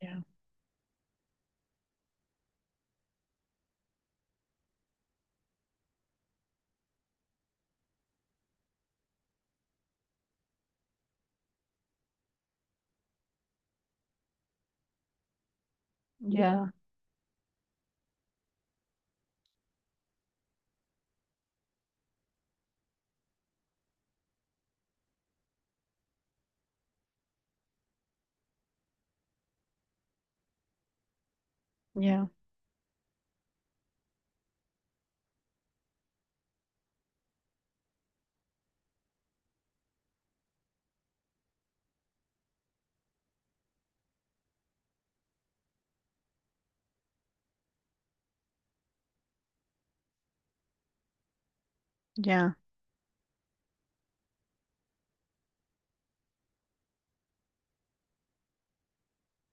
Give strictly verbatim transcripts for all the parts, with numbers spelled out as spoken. Ya, ya, ya, ya,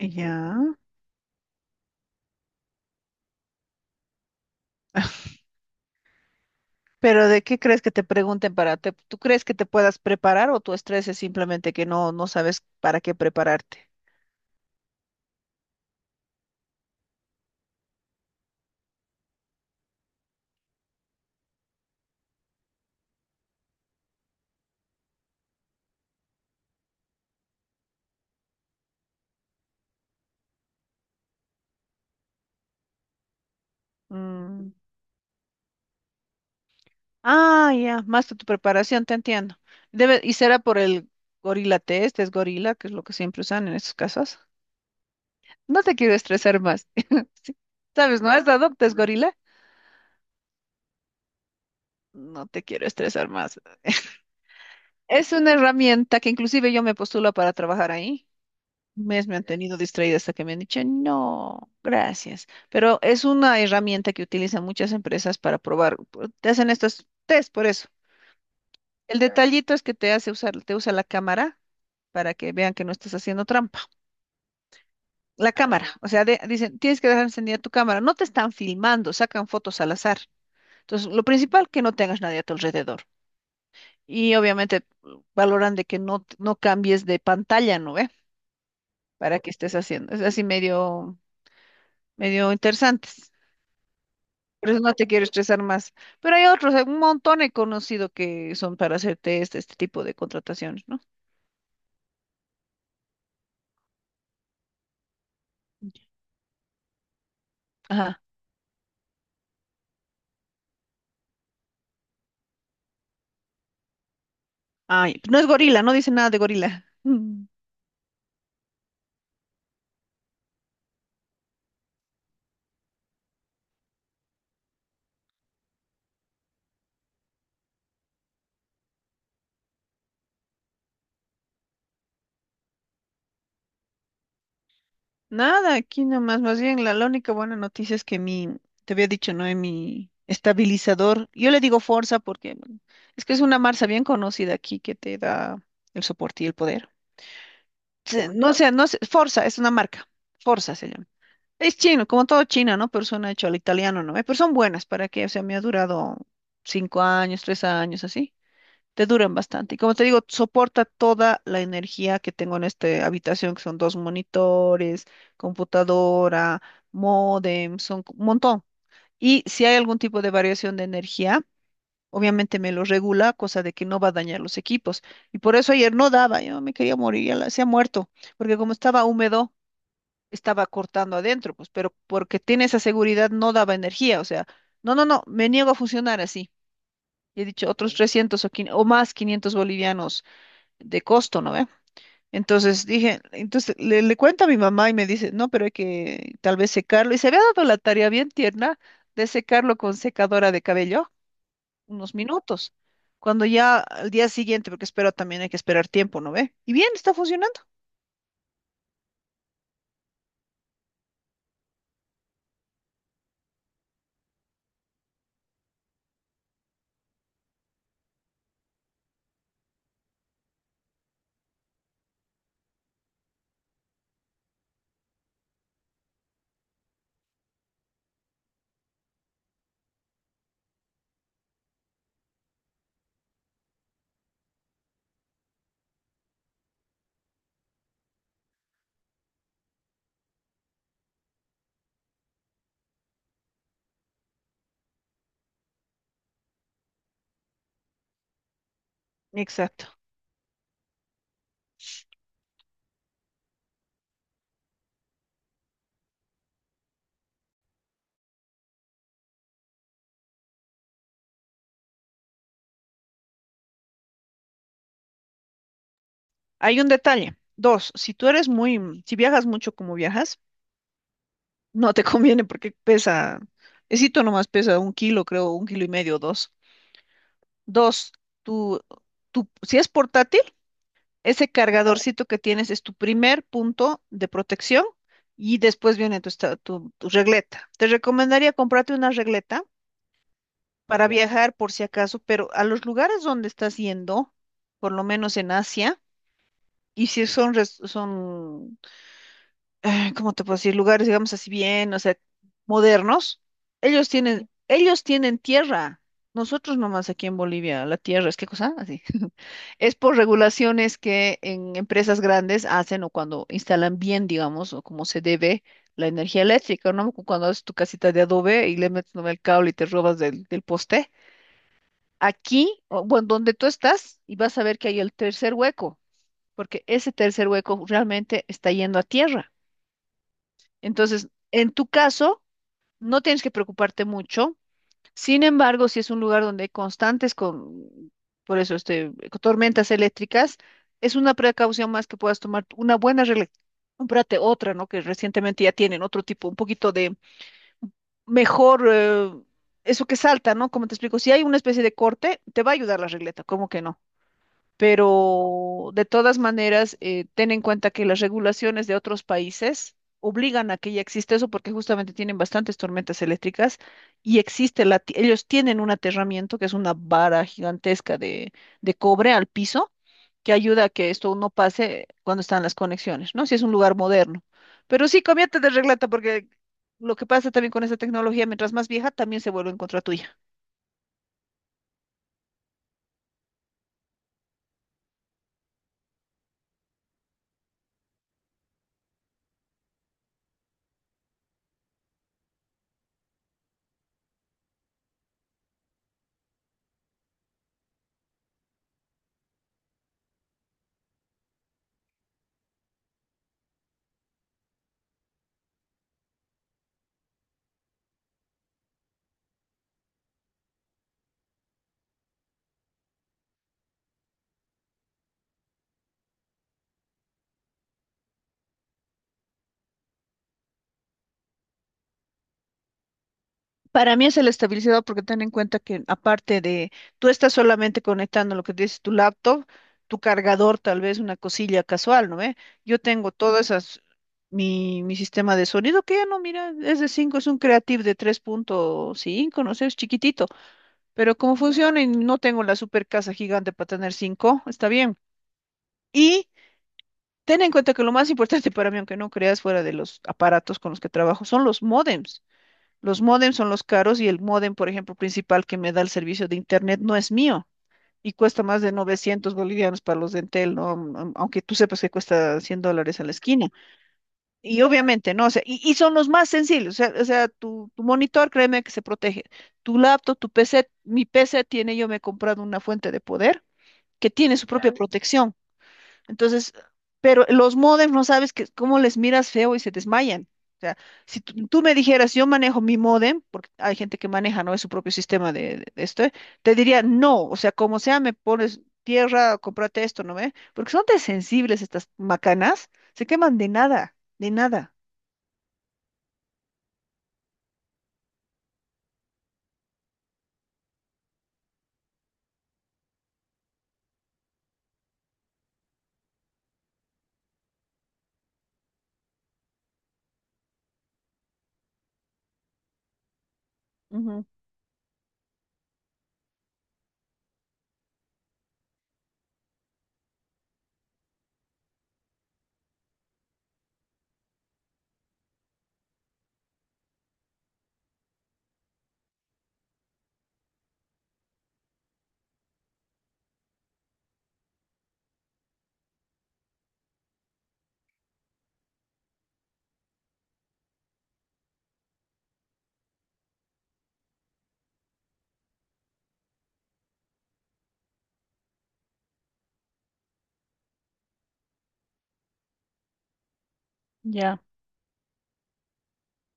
ya. Pero ¿de qué crees que te pregunten para te, tú crees que te puedas preparar o tu estrés es simplemente que no no sabes para qué prepararte? Mm. Ah, ya, más de tu preparación, te entiendo. Debe y será por el gorila test, es gorila, que es lo que siempre usan en estos casos. No te quiero estresar más. ¿Sabes, no? ¿Has dado test gorila? No te quiero estresar más. Es una herramienta que inclusive yo me postulo para trabajar ahí. Un mes me han tenido distraída hasta que me han dicho, no, gracias. Pero es una herramienta que utilizan muchas empresas para probar. pu- Te hacen estos test por eso. El detallito es que te hace usar, te usa la cámara para que vean que no estás haciendo trampa. La cámara, o sea, de- dicen, tienes que dejar encendida tu cámara. No te están filmando, sacan fotos al azar. Entonces, lo principal, que no tengas nadie a tu alrededor. Y obviamente valoran de que no, no cambies de pantalla, ¿no ve? Para que estés haciendo. Es así medio, medio interesantes. Por eso no te quiero estresar más. Pero hay otros, hay un montón he conocido que son para hacerte este, este tipo de contrataciones, ¿no? Ajá. Ay, no es gorila, no dice nada de gorila. Mm. Nada, aquí nomás. Más bien, la, la única buena noticia es que mi, te había dicho, ¿no? En mi estabilizador. Yo le digo Forza porque bueno, es que es una marca bien conocida aquí que te da el soporte y el poder. se- No sé, no sé, Forza es una marca, Forza se llama. Es chino, como todo China, ¿no? Pero suena hecho al italiano, ¿no? Eh, Pero son buenas, ¿para qué? O sea, me ha durado cinco años, tres años, así. Te duran bastante. Y como te digo, soporta toda la energía que tengo en esta habitación, que son dos monitores, computadora, módem, son un montón. Y si hay algún tipo de variación de energía, obviamente me lo regula, cosa de que no va a dañar los equipos. Y por eso ayer no daba, yo me quería morir, ya la- se ha muerto, porque como estaba húmedo, estaba cortando adentro, pues, pero porque tiene esa seguridad no daba energía, o sea, no, no, no, me niego a funcionar así. Y he dicho otros trescientos o, quin- o más quinientos bolivianos de costo, ¿no ve? Entonces dije, entonces le, le cuento a mi mamá y me dice, no, pero hay que tal vez secarlo. Y se había dado la tarea bien tierna de secarlo con secadora de cabello unos minutos. Cuando ya al día siguiente, porque espero también hay que esperar tiempo, ¿no ve? Y bien, está funcionando. Exacto. Hay un detalle. Dos, si tú eres muy, mm, si viajas mucho como viajas, no te conviene porque pesa, esito nomás pesa un kilo, creo, un kilo y medio, dos. Dos, tú, tú, si es portátil, ese cargadorcito que tienes es tu primer punto de protección y después viene tu, esta- tu, tu regleta. Te recomendaría comprarte una regleta para viajar por si acaso, pero a los lugares donde estás yendo, por lo menos en Asia, y si son, res- son, eh, ¿cómo te puedo decir? Lugares, digamos así bien, o sea, modernos, ellos tienen, ellos tienen tierra. Nosotros nomás aquí en Bolivia, la tierra es qué cosa, así. Es por regulaciones que en empresas grandes hacen o cuando instalan bien, digamos, o como se debe la energía eléctrica, ¿no? Cuando haces tu casita de adobe y le metes nomás el cable y te robas del, del poste aquí, o, bueno, donde tú estás, y vas a ver que hay el tercer hueco, porque ese tercer hueco realmente está yendo a tierra. Entonces, en tu caso, no tienes que preocuparte mucho. Sin embargo, si es un lugar donde hay constantes con, por eso, este, tormentas eléctricas, es una precaución más que puedas tomar una buena regla. Cómprate otra, ¿no? Que recientemente ya tienen otro tipo, un poquito de mejor, eh, eso que salta, ¿no? Como te explico, si hay una especie de corte, te va a ayudar la regleta, ¿cómo que no? Pero de todas maneras, eh, ten en cuenta que las regulaciones de otros países obligan a que ya existe eso porque justamente tienen bastantes tormentas eléctricas y existe la, ti- ellos tienen un aterramiento que es una vara gigantesca de, de cobre al piso que ayuda a que esto no pase cuando están las conexiones, ¿no? Si es un lugar moderno. Pero sí, cámbiate de regleta porque lo que pasa también con esta tecnología, mientras más vieja, también se vuelve en contra tuya. Para mí es el estabilizador porque ten en cuenta que aparte de, tú estás solamente conectando lo que dices tu laptop, tu cargador, tal vez una cosilla casual, ¿no ve? Yo tengo todas esas, mi, mi sistema de sonido que ya no, mira, es de cinco, es un Creative de tres punto cinco, no sé, es chiquitito, pero como funciona y no tengo la super casa gigante para tener cinco está bien. Y ten en cuenta que lo más importante para mí, aunque no creas fuera de los aparatos con los que trabajo, son los módems. Los módems son los caros y el módem, por ejemplo, principal que me da el servicio de internet no es mío y cuesta más de novecientos bolivianos para los de Entel, ¿no? Am- Aunque tú sepas que cuesta cien dólares a la esquina. Y obviamente, ¿no? O sea, y, y son los más sencillos. O sea, o sea, tu, tu monitor, créeme que se protege. Tu laptop, tu P C, mi P C tiene, yo me he comprado una fuente de poder que tiene su propia Ya. protección. Entonces, pero los modems no sabes que, cómo les miras feo y se desmayan. O sea, si tú, tú me dijeras, yo manejo mi modem, porque hay gente que maneja, ¿no? Es su propio sistema de, de- de esto, ¿eh? Te diría, no, o sea, como sea, me pones tierra, cómprate esto, ¿no ve? Porque son tan sensibles estas macanas, se queman de nada, de nada. Ujú, ya.